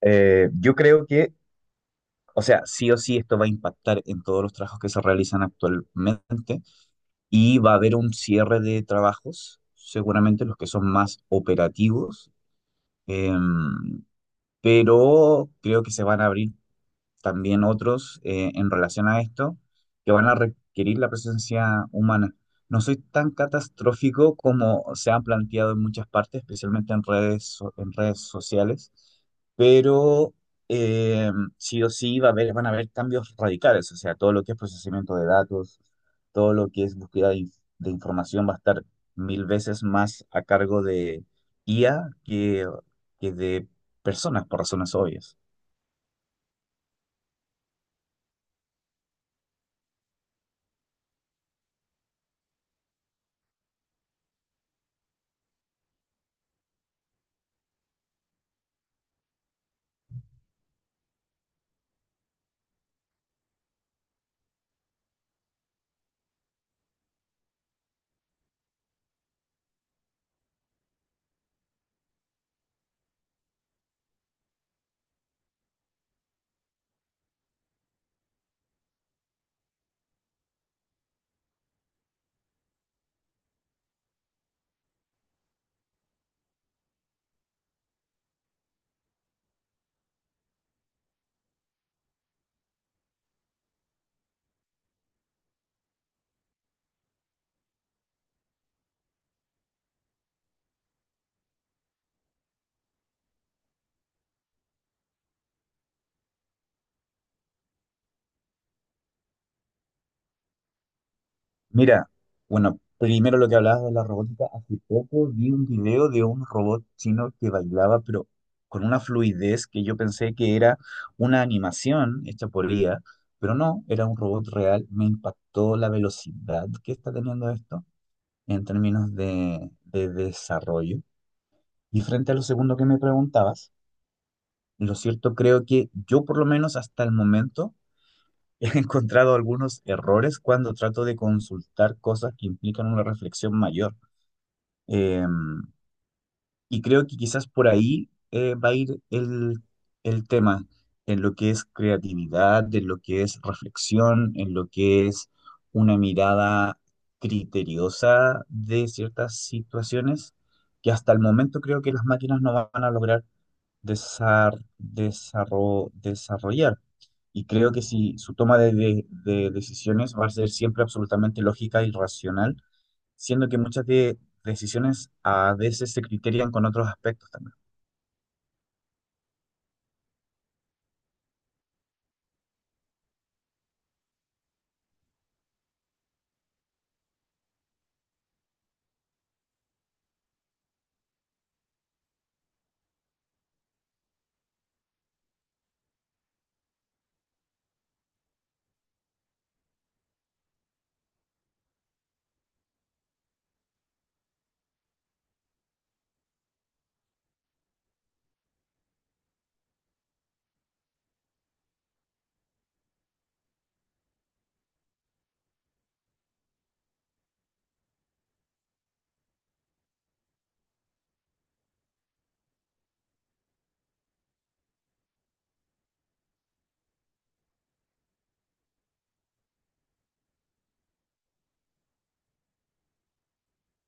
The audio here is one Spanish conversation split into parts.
Yo creo que, o sea, sí o sí esto va a impactar en todos los trabajos que se realizan actualmente y va a haber un cierre de trabajos, seguramente los que son más operativos, em, pero creo que se van a abrir también otros en relación a esto que van a requerir la presencia humana. No soy tan catastrófico como se han planteado en muchas partes, especialmente en redes, en redes sociales, pero eh, sí o sí va a haber, van a haber cambios radicales, o sea, todo lo que es procesamiento de datos, todo lo que es búsqueda de información va a estar mil veces más a cargo de IA que de personas, por razones obvias. Mira, bueno, primero lo que hablabas de la robótica, hace poco vi un video de un robot chino que bailaba, pero con una fluidez que yo pensé que era una animación hecha por IA, pero no, era un robot real. Me impactó la velocidad que está teniendo esto en términos de desarrollo. Y frente a lo segundo que me preguntabas, lo cierto creo que yo por lo menos hasta el momento... He encontrado algunos errores cuando trato de consultar cosas que implican una reflexión mayor. Eh, y creo que quizás por ahí va a ir el tema, en lo que es creatividad, en lo que es reflexión, en lo que es una mirada criteriosa de ciertas situaciones que hasta el momento creo que las máquinas no van a lograr desarrollar. Y creo que si su toma de decisiones va a ser siempre absolutamente lógica y racional, siendo que muchas decisiones a veces se criterian con otros aspectos también.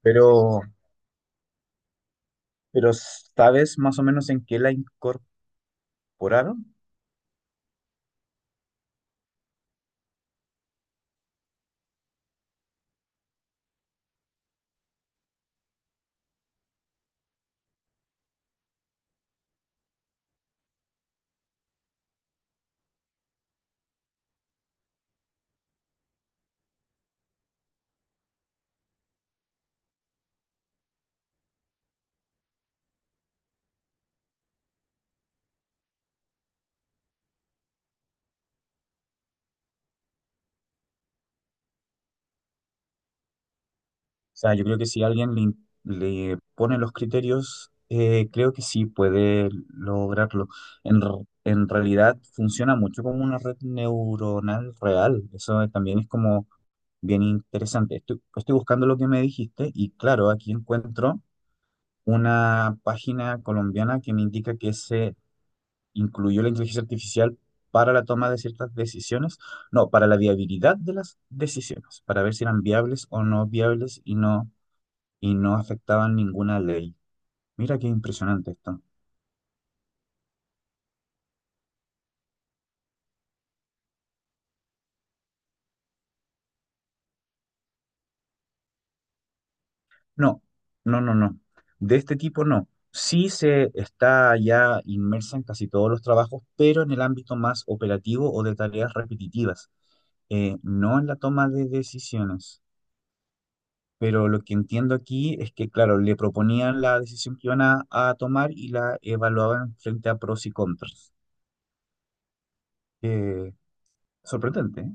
Pero, pero ¿sabes más o menos en qué la incorporaron? O sea, yo creo que si alguien le pone los criterios, creo que sí puede lograrlo. En realidad funciona mucho como una red neuronal real. Eso también es como bien interesante. Estoy buscando lo que me dijiste y claro, aquí encuentro una página colombiana que me indica que se incluyó la inteligencia artificial para la toma de ciertas decisiones, no, para la viabilidad de las decisiones, para ver si eran viables o no viables y no afectaban ninguna ley. Mira qué impresionante esto. No, no, no, no. De este tipo no. Sí se está ya inmersa en casi todos los trabajos, pero en el ámbito más operativo o de tareas repetitivas, no en la toma de decisiones. Pero lo que entiendo aquí es que, claro, le proponían la decisión que iban a tomar y la evaluaban frente a pros y contras. Eh, sorprendente, ¿eh?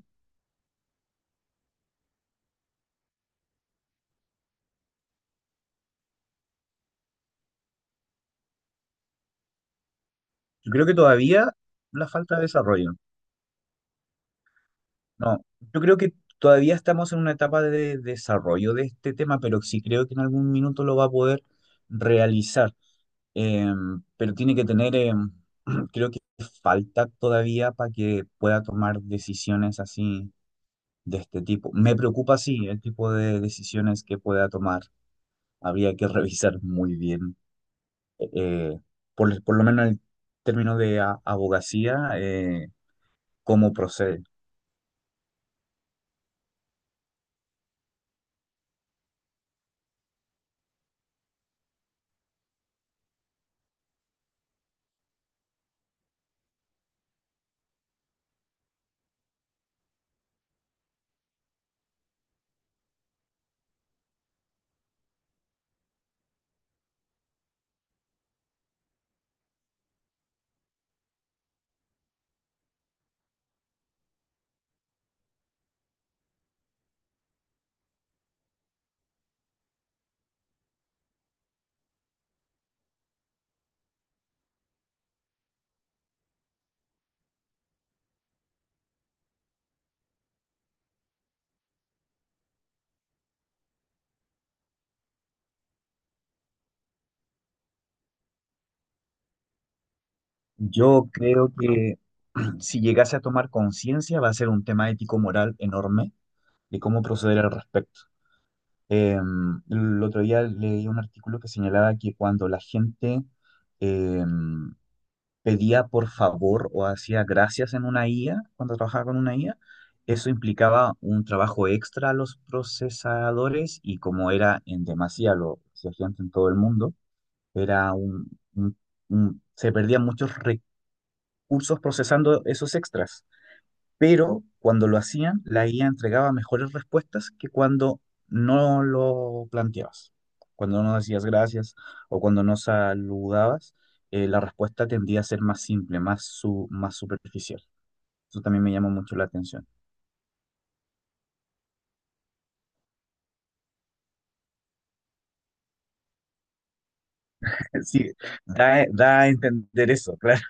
Yo creo que todavía la falta de desarrollo. No, yo creo que todavía estamos en una etapa de desarrollo de este tema, pero sí creo que en algún minuto lo va a poder realizar. Eh, pero tiene que tener, creo que falta todavía para que pueda tomar decisiones así de este tipo. Me preocupa, sí, el tipo de decisiones que pueda tomar. Habría que revisar muy bien, eh, por lo menos en el término de abogacía, cómo procede. Yo creo que si llegase a tomar conciencia, va a ser un tema ético-moral enorme de cómo proceder al respecto. Eh, el otro día leí un artículo que señalaba que cuando la gente... eh, pedía por favor o hacía gracias en una IA, cuando trabajaba con una IA, eso implicaba un trabajo extra a los procesadores y como era en demasía, lo hacía gente en todo el mundo, era un- un, se perdían muchos recursos procesando esos extras, pero cuando lo hacían, la IA entregaba mejores respuestas que cuando no lo planteabas. Cuando no decías gracias o cuando no saludabas, la respuesta tendía a ser más simple, más superficial. Eso también me llamó mucho la atención. Sí, da a entender eso, claro.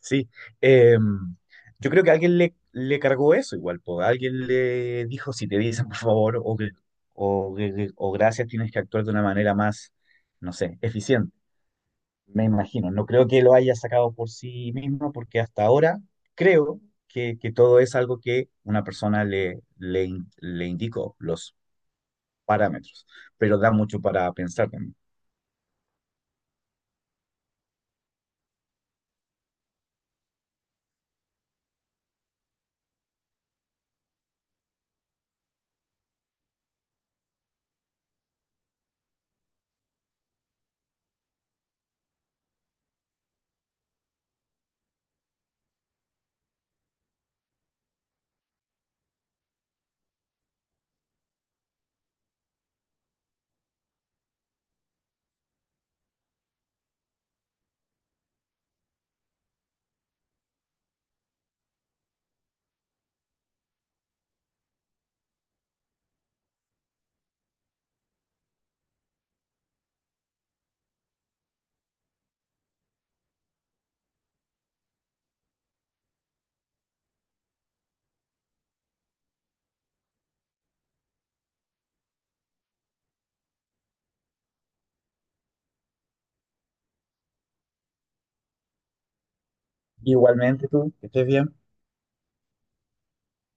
Sí. Eh, yo creo que le cargó eso igual, po. Alguien le dijo, si te dicen por favor o gracias, tienes que actuar de una manera más, no sé, eficiente. Me imagino, no creo que lo haya sacado por sí mismo, porque hasta ahora creo que todo es algo que una persona le indicó, los parámetros, pero da mucho para pensar también. Igualmente tú, que estés bien.